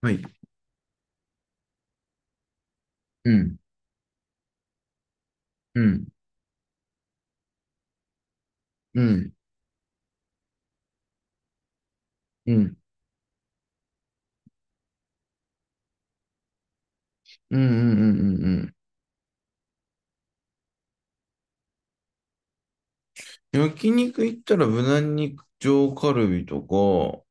はい。うん、うん、うん、うん、うん、うん、うん、うん。うん。焼肉行ったら無難に上カルビとか、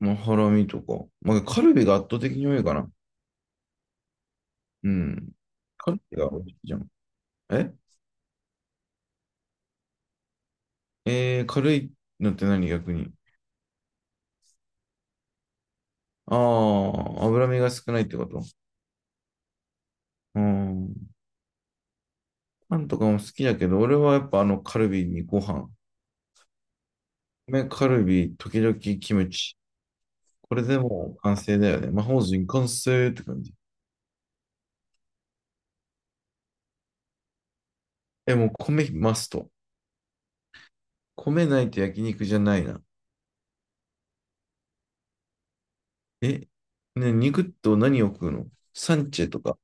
まあ、ハラミとか。まあ、カルビが圧倒的に多いかな。うん。カルビが多いじゃん。ええー、軽いのって何逆に。ああ、脂身が少ないってこと？うん。パンとかも好きだけど、俺はやっぱあのカルビにご飯。米カルビ、時々キムチ。これでもう完成だよね。魔法陣完成って感じ。え、もう米マスト。米ないと焼肉じゃないな。え、ね、肉と何を食うの？サンチェとか。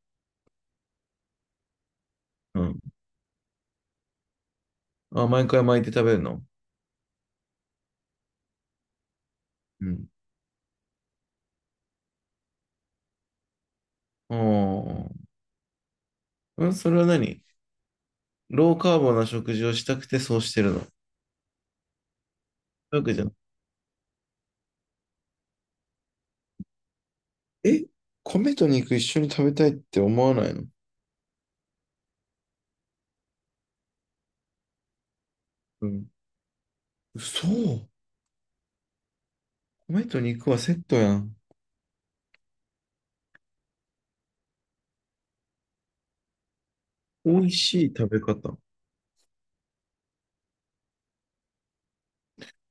うん。あ、毎回巻いて食べるの？うん。ああ。うん、それは何？ローカーボな食事をしたくてそうしてるの。そういうわけじゃん。え、米と肉一緒に食べたいって思わないの？うん。嘘。米と肉はセットやん。美味しい食べ方。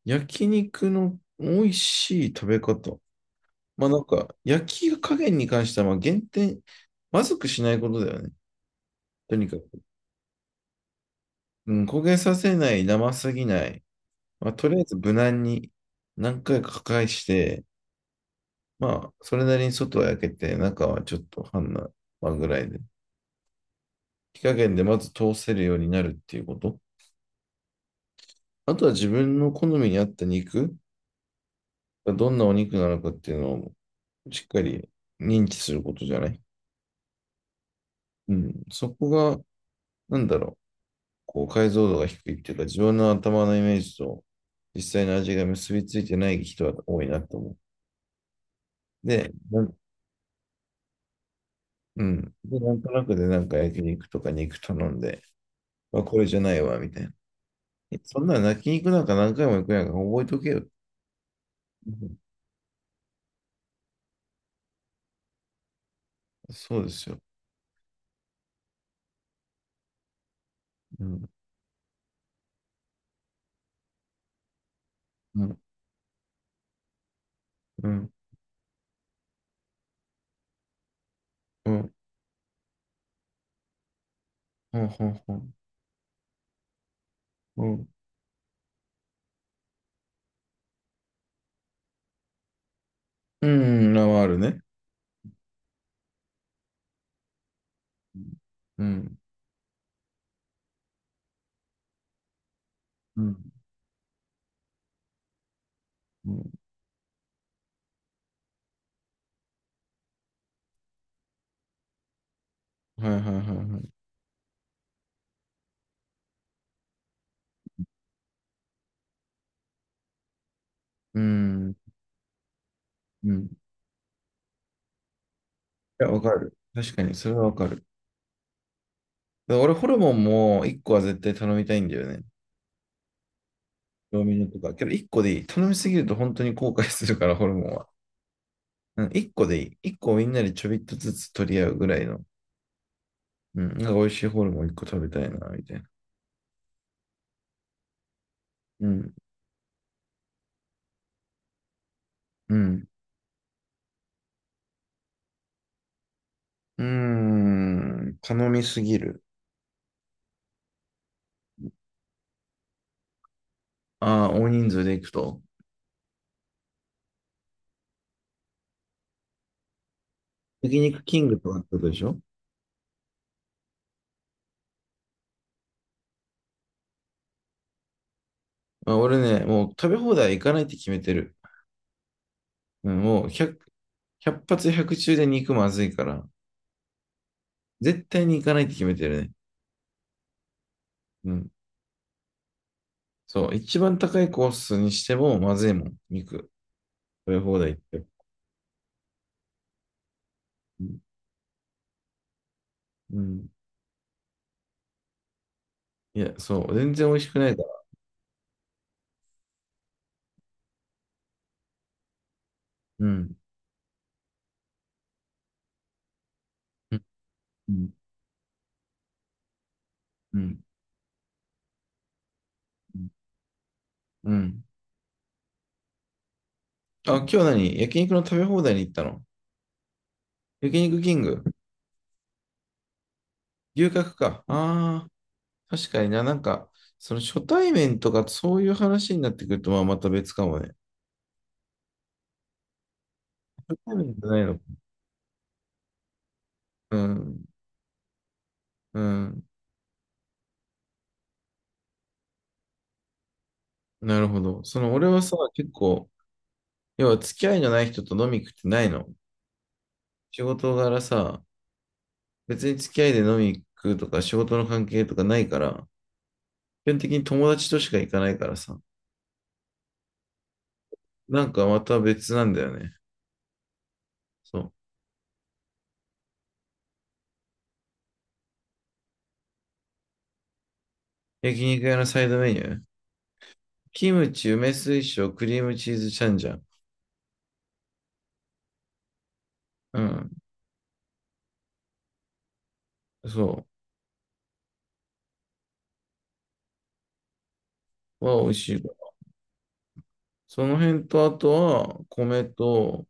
焼肉の美味しい食べ方。まあなんか、焼き加減に関してはまあ減点、まずくしないことだよね。とにかく、うん、焦げさせない、生すぎない。まあ、とりあえず無難に何回か破壊して、まあ、それなりに外は焼けて、中はちょっと半生、まあ、ぐらいで。火加減でまず通せるようになるっていうこと。あとは自分の好みに合った肉がどんなお肉なのかっていうのをしっかり認知することじゃない。うん。そこが、なんだろう、こう解像度が低いっていうか、自分の頭のイメージと実際の味が結びついてない人は多いなと思う。で、うん。で、なんとなくでなんか焼肉とか肉頼んで、まあ、これじゃないわ、みたいな。えそんなの焼肉なんか何回も行くやんか、覚えとけよ。うん。そうですよ。うん、うん、うん、うん、うん、うん、うん、うあるね。うん、うん、うん。はいはいはいはい。うん、うん。いや、わかる。確かに、それはわかる。だから俺、ホルモンも1個は絶対頼みたいんだよね。ドミノとか。けど、1個でいい。頼みすぎると本当に後悔するから、ホルモンは。うん、一個でいい。一個みんなでちょびっとずつ取り合うぐらいの。うん、なんか美味しいホルモン一個食べたいな、みたいな。うん、うん。うーん、頼みすぎる。ああ、大人数で行くと。焼肉キングとかってことでしょ？あ、俺ね、もう食べ放題行かないって決めてる。うん、もう100、ひゃっ発100中で肉まずいから、絶対に行かないって決めてるね。うん。そう、一番高いコースにしてもまずいもん、肉。食べ放題って。うん。うん。いや、そう、全然美味しくないから。うん。うん。うん。うん。うん。うん。あ、今日何？焼肉の食べ放題に行ったの？焼肉キング？牛角か。ああ、確かにな。なんか、その初対面とかそういう話になってくると、まあまた別かもね。初対面じゃないのか。うん、うん。なるほど。その俺はさ、結構、要は付き合いのない人と飲み行くってないの。仕事柄さ、別に付き合いで飲み行くとか仕事の関係とかないから、基本的に友達としか行かないからさ、なんかまた別なんだよね。そう。焼肉屋のサイドメニュー。キムチ、梅水晶、クリームチーズチャンジャン。うん。そう。は美味しい。その辺と、あとは、米と、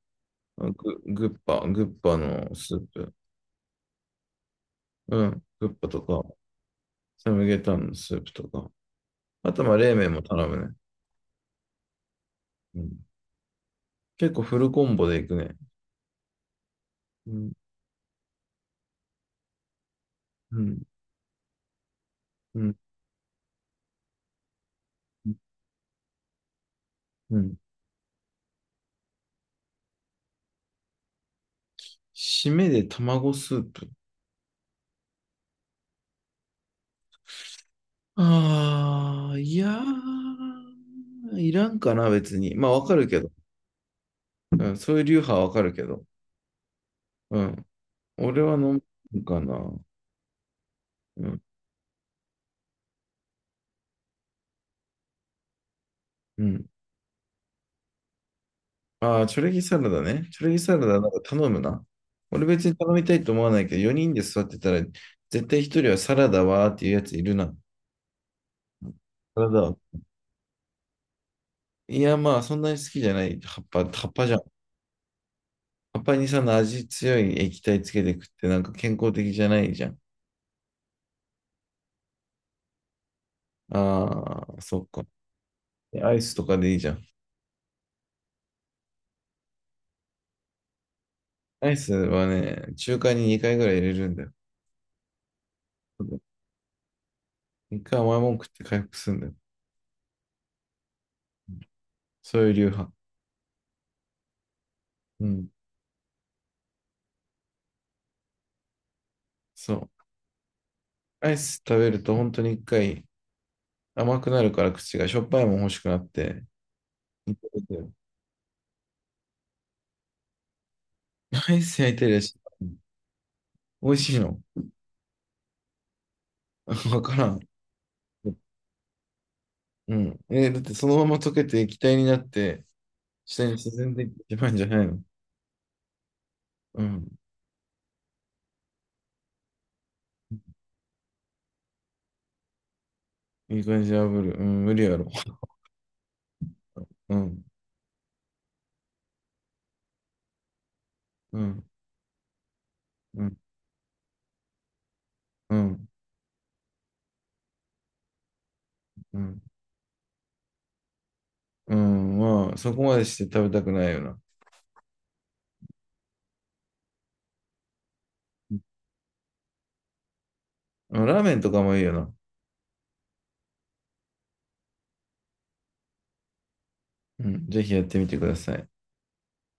グッパのスープ。うん。グッパとか、サムゲタンのスープとか。あと、まあ、冷麺も頼むね。うん。結構フルコンボでいくね。うん。うん。うん。うん。締めで卵スープ。ああ、いやー、いらんかな、別に。まあ、わかるけど。うん、そういう流派はわかるけど。うん。俺は飲むかな。うん。うん。ああ、チョレギサラダね。チョレギサラダなんか頼むな。俺別に頼みたいと思わないけど、4人で座ってたら、絶対1人はサラダはーっていうやついるな。サラダは？いや、まあ、そんなに好きじゃない。葉っぱ、葉っぱじゃん。葉っぱにその味強い液体つけて食ってなんか健康的じゃないじゃん。ああ、そっか。アイスとかでいいじゃん。アイスはね、中華に2回ぐらい入れるんだよ。1回甘いもん食って回復するんだよ。そういう流派。うん。そう。アイス食べると本当に一回甘くなるから口がしょっぱいもん欲しくなって。アイス焼いてるやし、美味しいの？ わからん。うん。え、だってそのまま溶けて液体になって、下に沈んでいってしまうんじゃないの？うん。いい感じで炙る。うん、無理やろ。うん。うん。うん。うん。うん。うん。まあ、そこまでして食べたくないよな。うん。ラーメンとかもいいよな。うん。ぜひやってみてください。